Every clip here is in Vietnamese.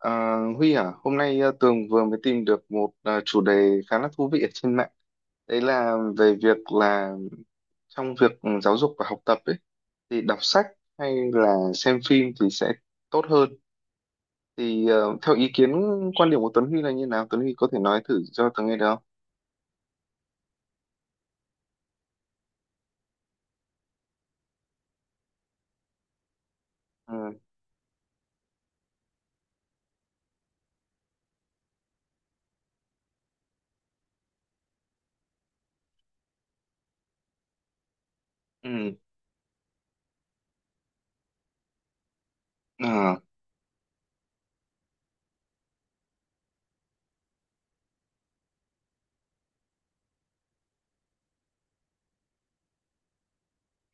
À, Huy à, hôm nay Tường vừa mới tìm được một chủ đề khá là thú vị ở trên mạng. Đấy là về việc là trong việc giáo dục và học tập ấy, thì đọc sách hay là xem phim thì sẽ tốt hơn. Thì theo ý kiến quan điểm của Tuấn Huy là như nào? Tuấn Huy có thể nói thử cho Tường nghe được không? Ừ, ừ, à,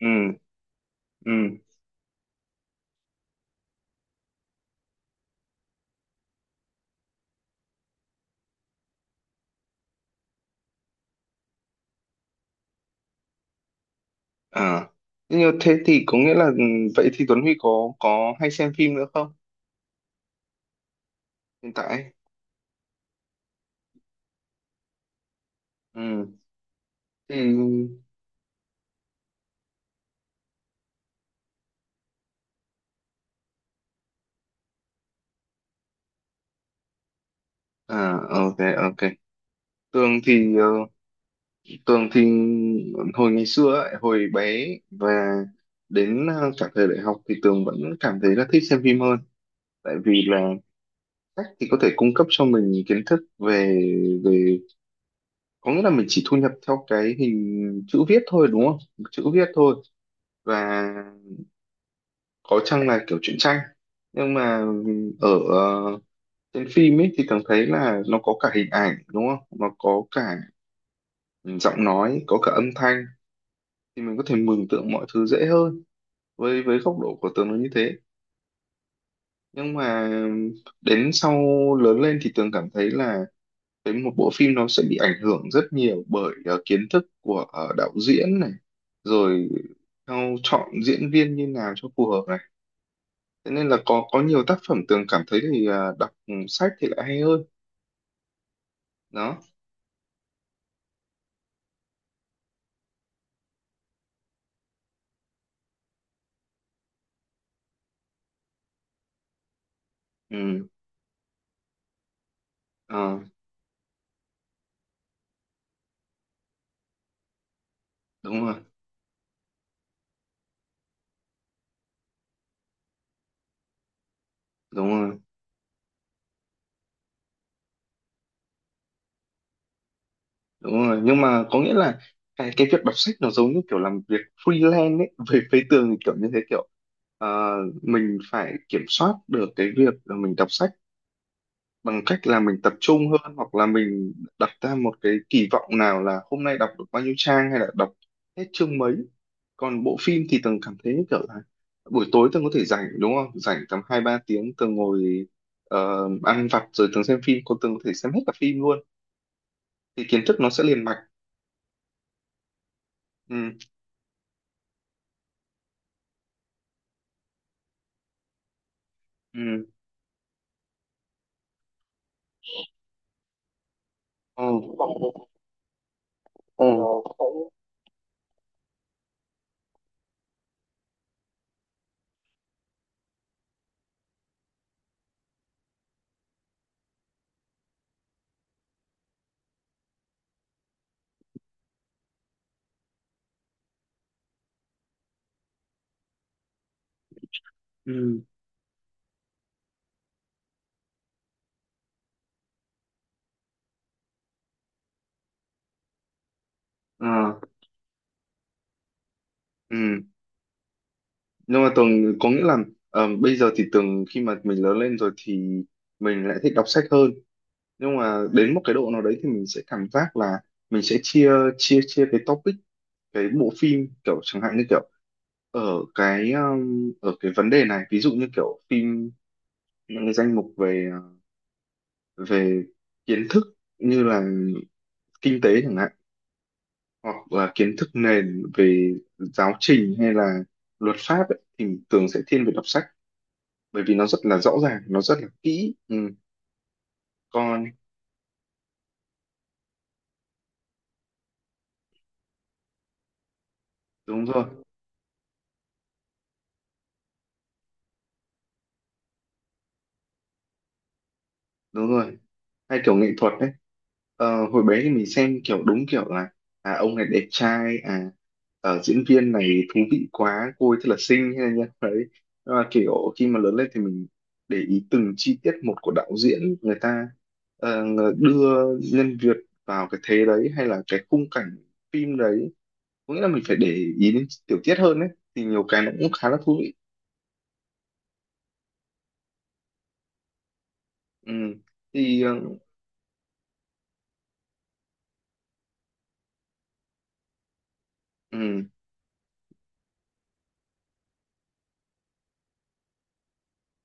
ừ, ừ, à. Như thế thì có nghĩa là vậy thì Tuấn Huy có hay xem phim nữa không? Hiện tại. Ừ, thì, à, ok, ok. Tường thì ờ, Tường thì hồi ngày xưa ấy, hồi bé và đến cả thời đại học thì Tường vẫn cảm thấy là thích xem phim hơn, tại vì là sách thì có thể cung cấp cho mình kiến thức về về có nghĩa là mình chỉ thu nhập theo cái hình chữ viết thôi, đúng không, chữ viết thôi. Và có chăng là kiểu truyện tranh, nhưng mà ở ờ, trên phim ấy thì Tường thấy là nó có cả hình ảnh, đúng không, nó có cả giọng nói, có cả âm thanh, thì mình có thể mường tượng mọi thứ dễ hơn. Với góc độ của Tường nó như thế. Nhưng mà đến sau lớn lên thì Tường cảm thấy là cái một bộ phim nó sẽ bị ảnh hưởng rất nhiều bởi kiến thức của đạo diễn này, rồi theo chọn diễn viên như nào cho phù hợp này, thế nên là có nhiều tác phẩm Tường cảm thấy thì đọc sách thì lại hay hơn đó. Ừ, ờ, đúng rồi, đúng rồi, đúng rồi. Nhưng mà có nghĩa là cái việc đọc sách nó giống như kiểu làm việc freelance ấy, về phía tường thì kiểu như thế, kiểu ờ, mình phải kiểm soát được cái việc là mình đọc sách bằng cách là mình tập trung hơn, hoặc là mình đặt ra một cái kỳ vọng nào là hôm nay đọc được bao nhiêu trang hay là đọc hết chương mấy. Còn bộ phim thì tường cảm thấy như kiểu là buổi tối tường có thể rảnh, đúng không, rảnh tầm 2-3 tiếng, tường ngồi ăn vặt rồi tường xem phim, còn tường có thể xem hết cả phim luôn, thì kiến thức nó sẽ liền mạch. Ừ. Ừ, ừ, ừ, ừ à, ừ. Nhưng mà Tường có nghĩa là bây giờ thì Tường, khi mà mình lớn lên rồi thì mình lại thích đọc sách hơn, nhưng mà đến một cái độ nào đấy thì mình sẽ cảm giác là mình sẽ chia chia chia cái topic, cái bộ phim kiểu chẳng hạn như kiểu ở ở cái vấn đề này, ví dụ như kiểu phim những cái danh mục về ờ, về kiến thức như là kinh tế chẳng hạn, hoặc là kiến thức nền về giáo trình hay là luật pháp ấy, thì mình thường sẽ thiên về đọc sách, bởi vì nó rất là rõ ràng, nó rất là kỹ. Ừ, còn đúng rồi, đúng rồi, hay kiểu nghệ thuật đấy. Ờ, hồi bé thì mình xem kiểu đúng kiểu là, à ông này đẹp trai, à ở diễn viên này thú vị quá, cô ấy thật là xinh, hay là như đấy. Nhưng mà kiểu khi mà lớn lên thì mình để ý từng chi tiết một của đạo diễn người ta đưa nhân vật vào cái thế đấy hay là cái khung cảnh phim đấy, có nghĩa là mình phải để ý đến tiểu tiết hơn đấy, thì nhiều cái nó cũng khá là thú vị. Ừ. Thì, ừ,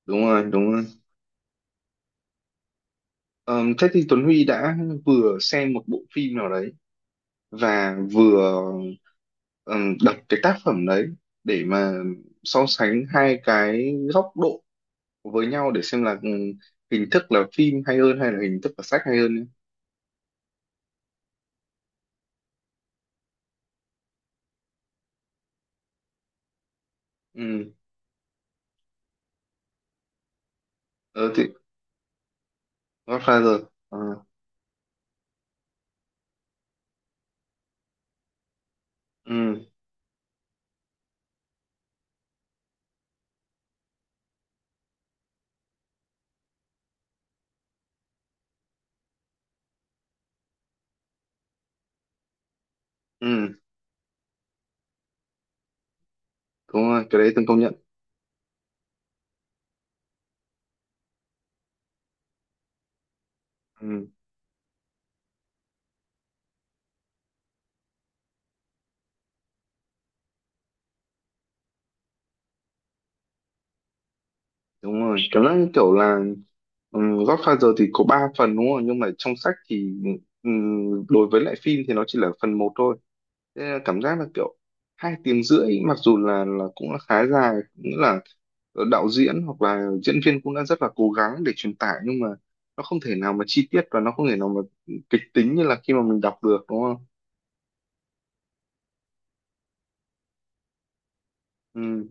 đúng rồi, đúng rồi. Ờ, thế thì Tuấn Huy đã vừa xem một bộ phim nào đấy và vừa ờ, đọc cái tác phẩm đấy để mà so sánh hai cái góc độ với nhau để xem là hình thức là phim hay hơn hay là hình thức là sách hay hơn nhé. Ừ, ờ, thì Godfather. Ờ, ừ, ừ, đúng rồi, cái đấy từng công nhận. Ừ, đúng rồi, cảm giác như kiểu là, ừ, Godfather thì có 3 phần đúng không? Nhưng mà trong sách thì, ừ, đối với lại phim thì nó chỉ là phần một thôi. Thế là cảm giác là kiểu 2 tiếng rưỡi, mặc dù là cũng là khá dài, nghĩa là đạo diễn hoặc là diễn viên cũng đã rất là cố gắng để truyền tải, nhưng mà nó không thể nào mà chi tiết, và nó không thể nào mà kịch tính như là khi mà mình đọc được, đúng không? Ừ,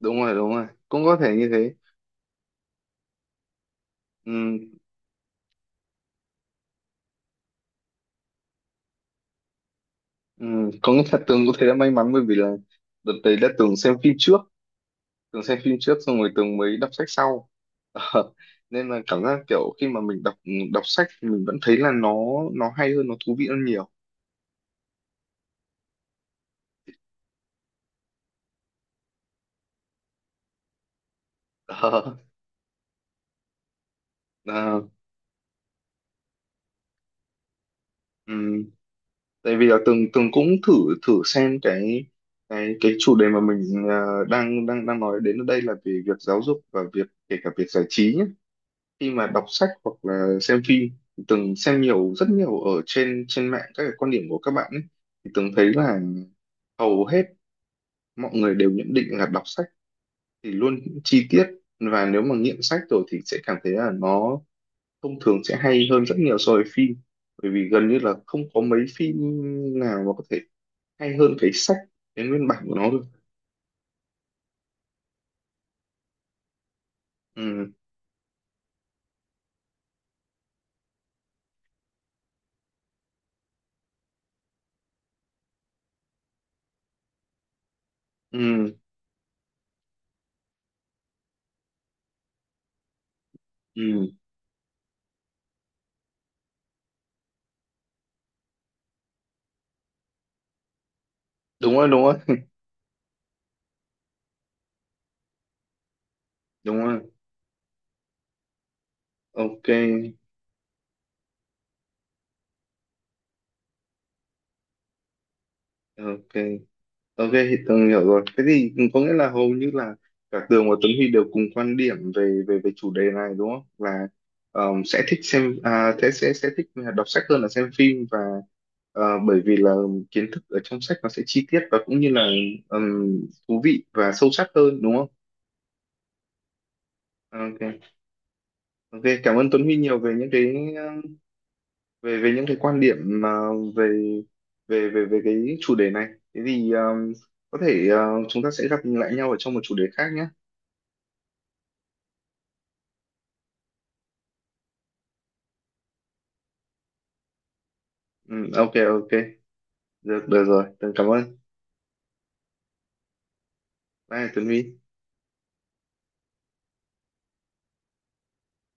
đúng rồi, đúng rồi, cũng có thể như thế. Ừ, ừ. Có nghĩa là Tường có thể đã may mắn, bởi vì là đợt đấy đã Tường xem phim trước, Tường xem phim trước xong rồi Tường mới đọc sách sau. Ờ, nên là cảm giác kiểu khi mà mình đọc đọc sách thì mình vẫn thấy là nó hay hơn, nó thú vị hơn nhiều. Ờ, à, ừm, tại vì là Tường Tường cũng thử thử xem cái chủ đề mà mình, à, đang đang đang nói đến ở đây là về việc giáo dục và việc, kể cả việc giải trí nhé. Khi mà đọc sách hoặc là xem phim thì Tường xem nhiều, rất nhiều ở trên trên mạng các cái quan điểm của các bạn ấy, thì Tường thấy là hầu hết mọi người đều nhận định là đọc sách thì luôn chi tiết, và nếu mà nghiện sách rồi thì sẽ cảm thấy là nó thông thường sẽ hay hơn rất nhiều so với phim, bởi vì gần như là không có mấy phim nào mà có thể hay hơn cái sách, cái nguyên bản của nó được. Ừ, ừ, ừ. Đúng rồi, đúng rồi, đúng rồi, ok, ok. Ok, thì Tường hiểu rồi. Thế thì có nghĩa là hầu như là cả Tường và Tuấn Huy đều cùng quan điểm về về về chủ đề này đúng không? Là, sẽ thích xem, à, thế sẽ thích đọc sách hơn là xem phim, và bởi vì là kiến thức ở trong sách nó sẽ chi tiết, và cũng như là ờm, thú vị và sâu sắc hơn đúng không? Ok, ok. Cảm ơn Tuấn Huy nhiều về những cái, về về những cái quan điểm mà về về về về cái chủ đề này. Thế thì có thể chúng ta sẽ gặp lại nhau ở trong một chủ đề khác nhé. Ừ, ok, ok, được, được rồi, tớ cảm ơn, bye Tuấn Huy.